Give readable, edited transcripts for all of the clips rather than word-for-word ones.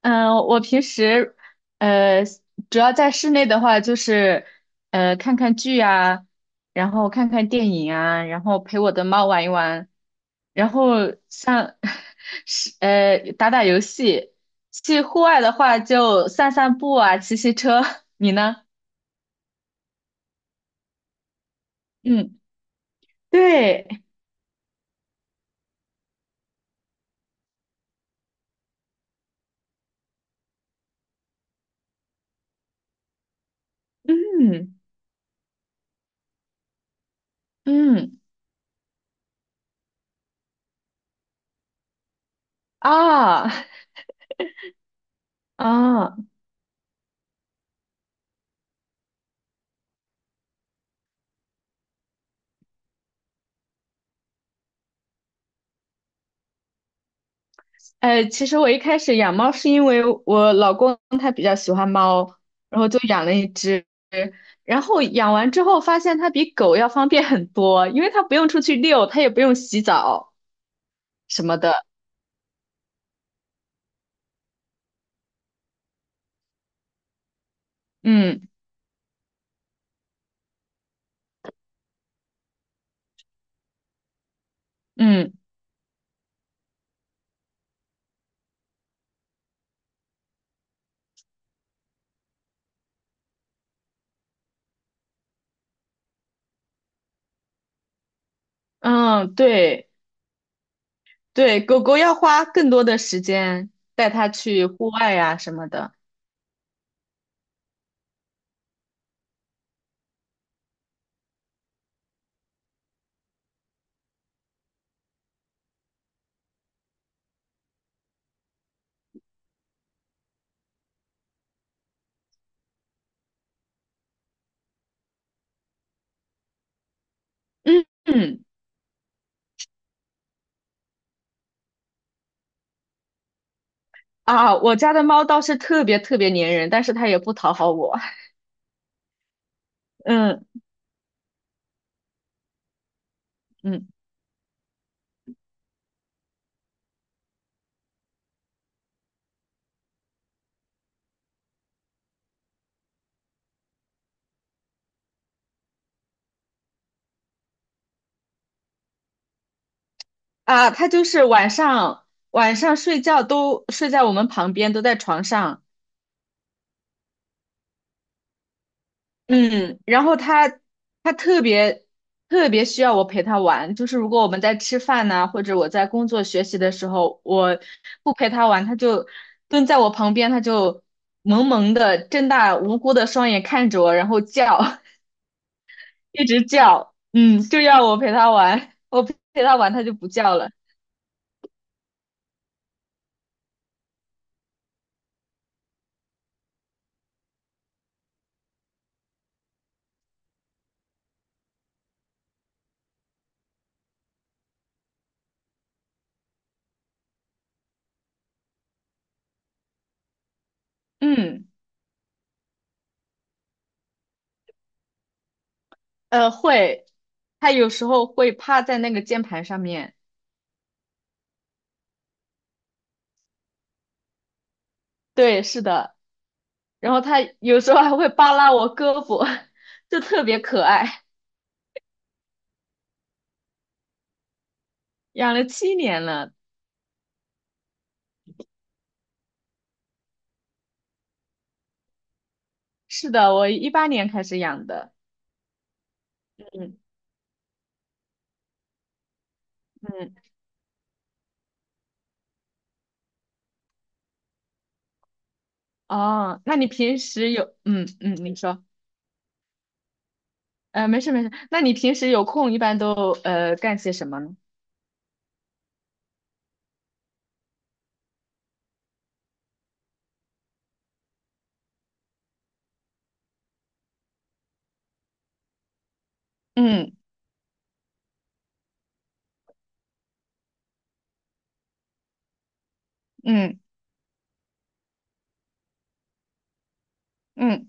嗯，我平时呃，主要在室内的话，就是看看剧啊，然后看看电影啊，然后陪我的猫玩一玩，然后像 是打打游戏。去户外的话，就散散步啊，骑骑车。你呢？嗯，对，嗯嗯啊 啊，哦其实我一开始养猫是因为我老公他比较喜欢猫，然后就养了一只。然后养完之后发现它比狗要方便很多，因为它不用出去遛，它也不用洗澡什么的。嗯嗯嗯，对对，狗狗要花更多的时间带它去户外呀、什么的。嗯嗯啊，我家的猫倒是特别特别粘人，但是它也不讨好我。嗯嗯。啊，他就是晚上睡觉都睡在我们旁边，都在床上。嗯，然后他特别特别需要我陪他玩，就是如果我们在吃饭呐、或者我在工作学习的时候，我不陪他玩，他就蹲在我旁边，他就萌萌的睁大无辜的双眼看着我，然后叫，一直叫，嗯，就要我陪他玩，我陪他玩他就不叫了，嗯。会，他有时候会趴在那个键盘上面，对，是的，然后他有时候还会扒拉我胳膊，就特别可爱。养了7年了，是的，我2018年开始养的。嗯嗯，哦，那你平时有，嗯嗯，你说，没事没事，那你平时有空一般都干些什么呢？嗯嗯嗯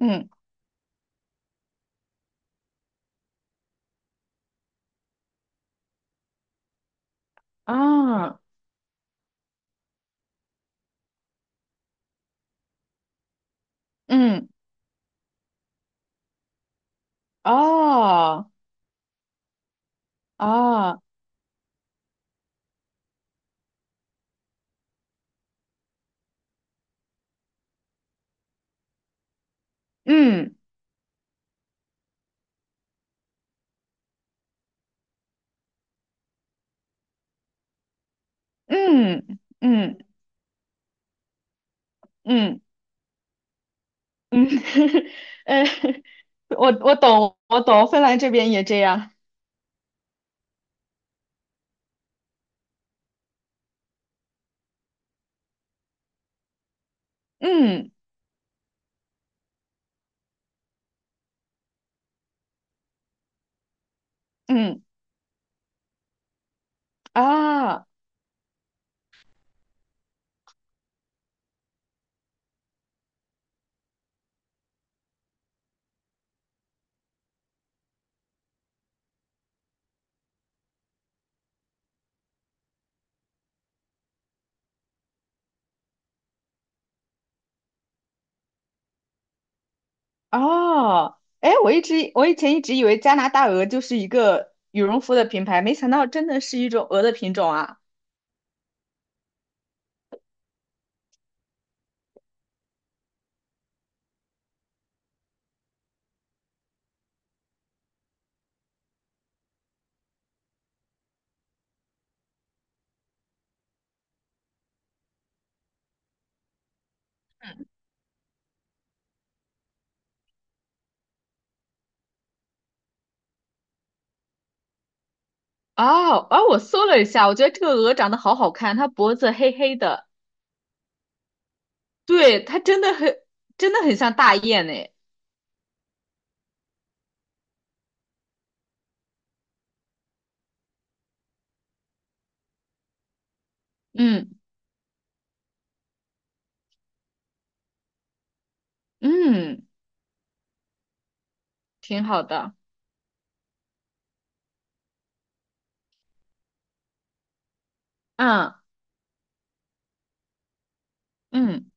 嗯啊嗯哦哦嗯嗯嗯嗯。嗯，呃，我懂，我懂，芬兰这边也这样。嗯嗯啊哦，哎，我以前一直以为加拿大鹅就是一个羽绒服的品牌，没想到真的是一种鹅的品种啊。哦啊，我搜了一下，我觉得这个鹅长得好好看，它脖子黑黑的，对，它真的很像大雁诶。嗯嗯，挺好的。嗯嗯，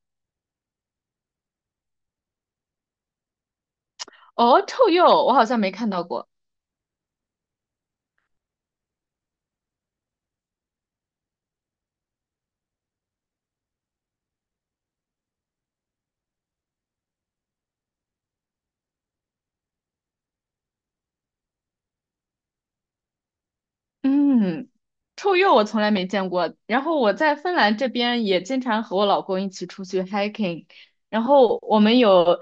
哦，臭鼬，我好像没看到过。嗯。臭鼬我从来没见过，然后我在芬兰这边也经常和我老公一起出去 hiking，然后我们有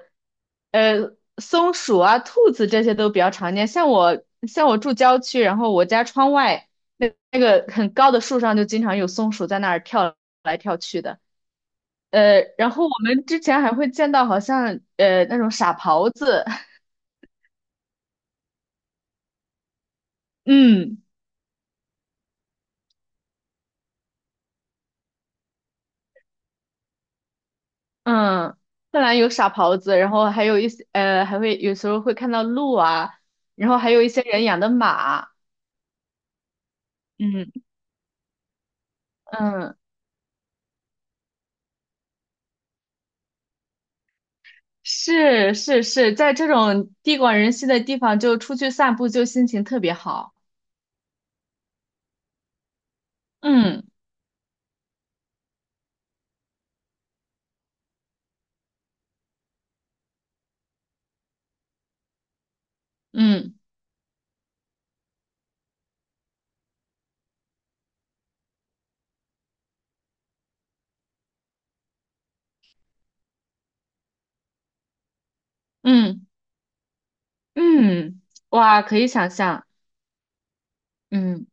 松鼠啊、兔子这些都比较常见。像我住郊区，然后我家窗外那个很高的树上就经常有松鼠在那儿跳来跳去的。然后我们之前还会见到好像那种傻狍子，嗯。嗯，芬兰有傻狍子，然后还有一些还会有时候会看到鹿啊，然后还有一些人养的马。嗯，嗯，是是是，在这种地广人稀的地方，就出去散步，就心情特别好。嗯嗯嗯嗯，哇，可以想象。嗯，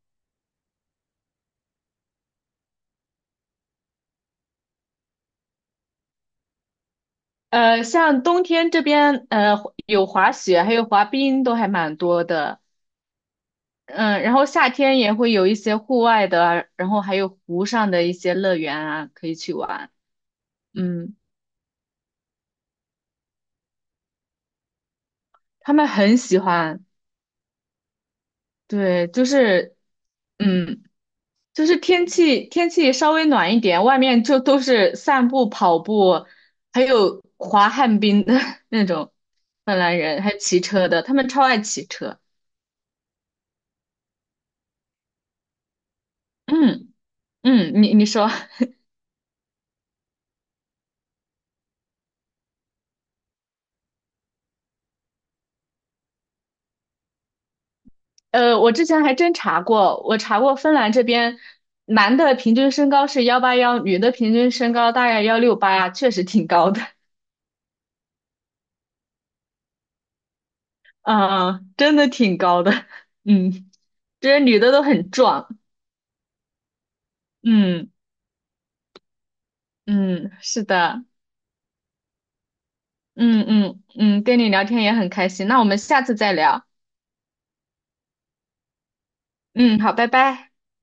像冬天这边，有滑雪，还有滑冰，都还蛮多的。嗯，然后夏天也会有一些户外的啊，然后还有湖上的一些乐园啊，可以去玩。嗯，他们很喜欢，对，就是，嗯，就是天气稍微暖一点，外面就都是散步、跑步，还有滑旱冰的 那种芬兰人，还有骑车的，他们超爱骑车。嗯嗯，你说。我之前还真查过，我查过芬兰这边男的平均身高是181，女的平均身高大概168，确实挺高的，嗯，真的挺高的，嗯，这些女的都很壮，嗯嗯，是的，嗯嗯嗯，跟你聊天也很开心，那我们下次再聊，嗯，好，拜拜。